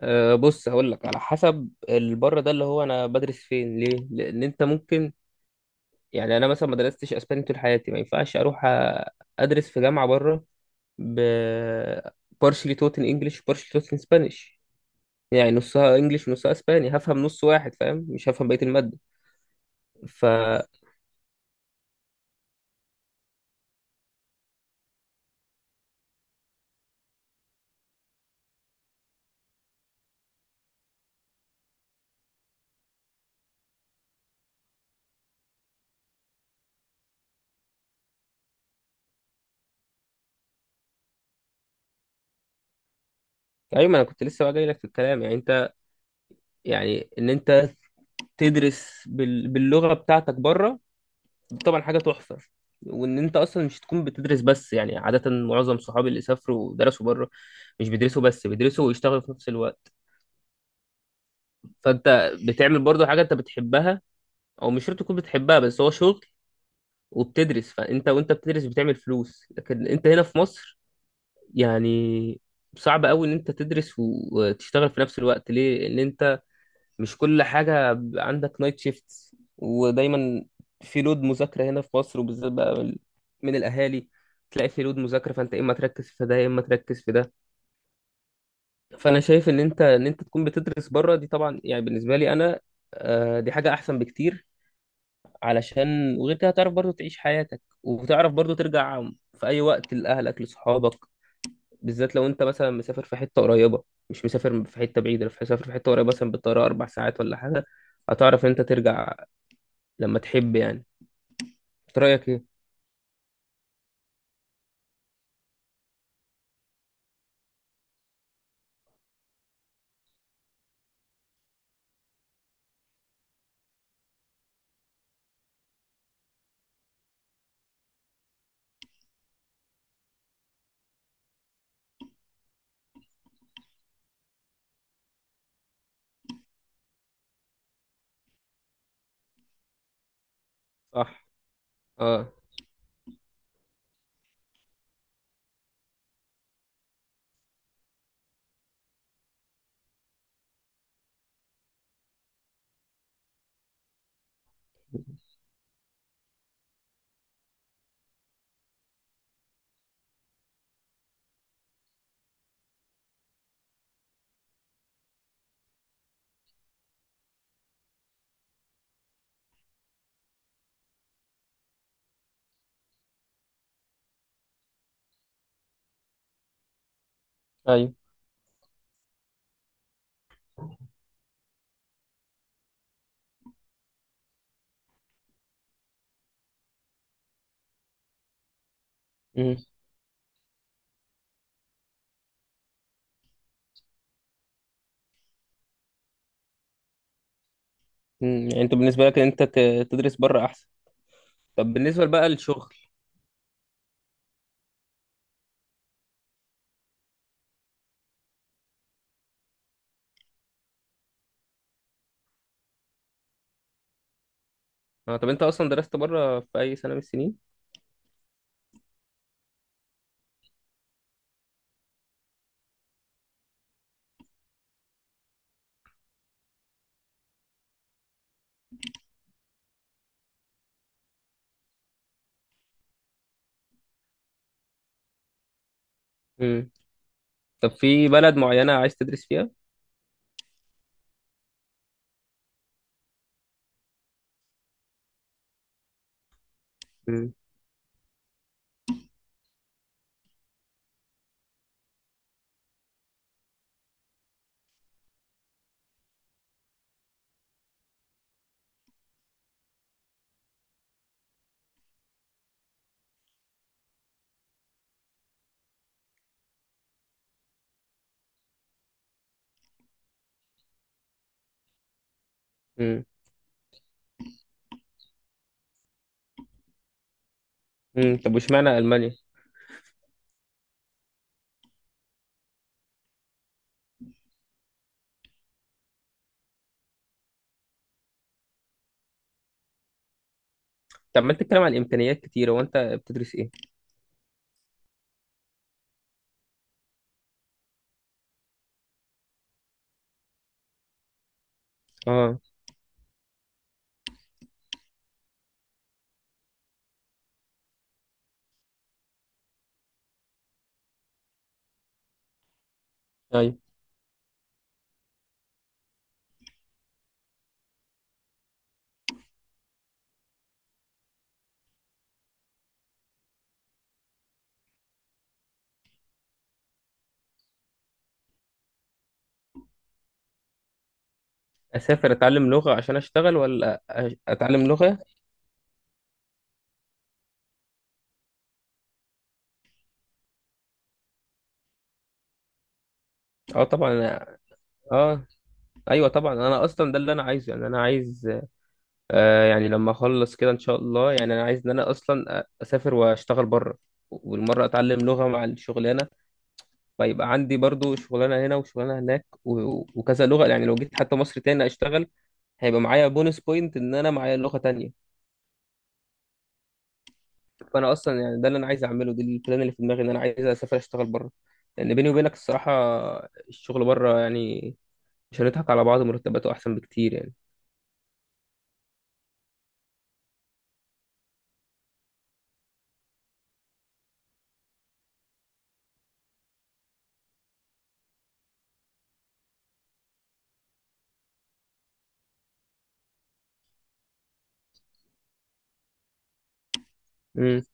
أه، بص هقول لك على حسب البره ده اللي هو انا بدرس فين ليه، لان انت ممكن يعني انا مثلا ما درستش اسباني طول حياتي ما ينفعش اروح ادرس في جامعه بره ب partially taught in English و partially taught in Spanish. يعني نصها انجلش ونصها اسباني، هفهم نص واحد فاهم، مش هفهم بقيه الماده. ف ايوه، ما انا كنت لسه بقى جاي لك في الكلام، يعني انت يعني ان انت تدرس باللغه بتاعتك بره طبعا حاجه تحفه، وان انت اصلا مش تكون بتدرس. بس يعني عاده معظم صحابي اللي سافروا ودرسوا بره مش بيدرسوا بس، بيدرسوا ويشتغلوا في نفس الوقت. فانت بتعمل برضه حاجه انت بتحبها، او مش شرط تكون بتحبها بس هو شغل وبتدرس. فانت وانت بتدرس بتعمل فلوس، لكن انت هنا في مصر يعني صعب قوي ان انت تدرس وتشتغل في نفس الوقت. ليه؟ ان انت مش كل حاجة عندك نايت شيفت، ودايما في لود مذاكرة هنا في مصر، وبالذات بقى من الأهالي تلاقي في لود مذاكرة، فأنت يا إما تركز في ده يا إما تركز في ده. فأنا شايف إن أنت تكون بتدرس بره. دي طبعا يعني بالنسبة لي أنا، دي حاجة أحسن بكتير علشان، وغير كده هتعرف برضو تعيش حياتك، وتعرف برضو ترجع في أي وقت لأهلك لصحابك، بالذات لو أنت مثلا مسافر في حتة قريبة، مش مسافر في حتة بعيدة. لو مسافر في حتة قريبة، مثلا بالطيارة 4 ساعات ولا حاجة، هتعرف إن أنت ترجع لما تحب يعني. انت رأيك ايه؟ صح. اه. ايوه. امم. أمم. يعني انت بالنسبه لك ان انت تدرس بره احسن؟ طب بالنسبة بقى للشغل؟ اه، طب انت اصلا درست بره في اي سنة من السنين؟ امم. طب في بلد معينة عايز تدرس فيها؟ امم. امم. أمم. طب واشمعنى المانيا؟ طب ما انت بتتكلم عن امكانيات كتيرة، وانت بتدرس ايه؟ اه. ايوه. اسافر اتعلم لغة عشان اشتغل ولا اتعلم لغة؟ اه، طبعا. اه، ايوه طبعا. انا اصلا ده اللي انا عايزه، يعني انا عايز، يعني لما اخلص كده ان شاء الله، يعني انا عايز ان انا اصلا اسافر واشتغل بره، والمره اتعلم لغه مع الشغلانه. فيبقى عندي برضو شغلانه هنا وشغلانه هناك وكذا لغه، يعني لو جيت حتى مصر تاني اشتغل، هيبقى معايا بونس بوينت ان انا معايا لغه تانية. فانا اصلا يعني ده اللي انا عايز اعمله، دي البلان اللي في دماغي، ان انا عايز اسافر اشتغل بره. لان بيني وبينك الصراحه، الشغل بره يعني مش هنضحك على بعض، مرتباته احسن بكتير يعني. امم.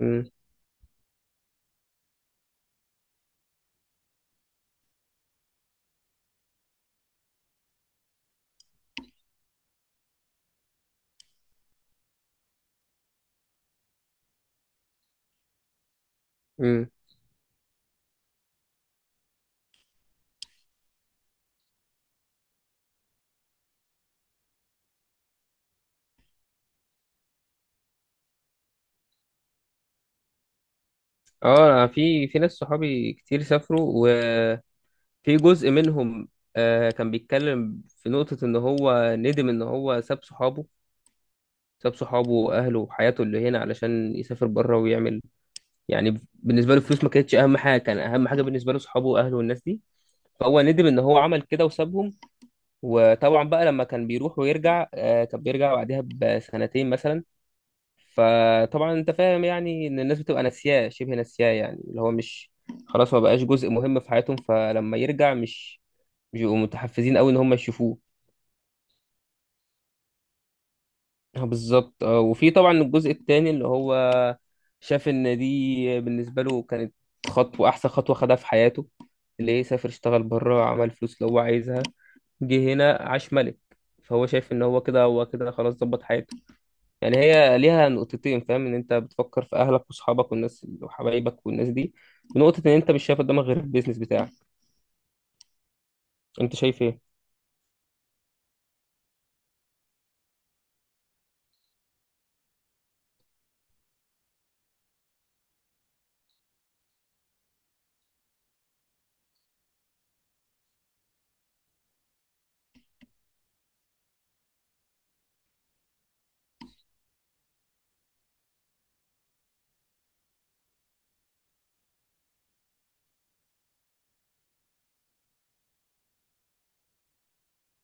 امم. امم. اه، أنا في ناس صحابي كتير سافروا. في جزء منهم كان بيتكلم في نقطة إن هو ندم إن هو ساب صحابه وأهله وحياته اللي هنا علشان يسافر بره ويعمل. يعني بالنسبة له الفلوس ما كانتش أهم حاجة، كان أهم حاجة بالنسبة له صحابه وأهله والناس دي، فهو ندم إن هو عمل كده وسابهم. وطبعا بقى لما كان بيروح ويرجع كان بيرجع بعدها بسنتين مثلا، فطبعا أنت فاهم يعني إن الناس بتبقى شبه ناسياه يعني، اللي هو مش خلاص، ما بقاش جزء مهم في حياتهم، فلما يرجع مش بيبقوا متحفزين قوي ان هم يشوفوه. آه، بالظبط. وفي طبعا الجزء التاني اللي هو شاف ان دي بالنسبه له كانت خطوه، احسن خطوه خدها في حياته، اللي هي سافر اشتغل بره، عمل فلوس اللي هو عايزها، جه هنا عاش ملك. فهو شايف ان هو كده خلاص ظبط حياته. يعني هي ليها نقطتين، فاهم، ان انت بتفكر في اهلك واصحابك والناس وحبايبك والناس دي، ونقطه ان انت مش شايف قدامك غير البيزنس بتاعك. انت شايف ايه؟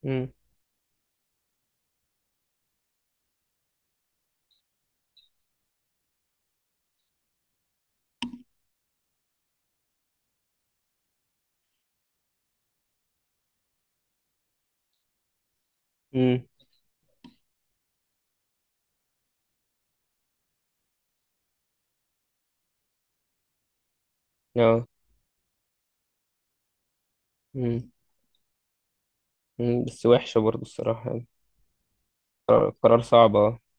امم. امم. اه. امم. بس وحشه برضه الصراحه يعني. قرار صعب اه.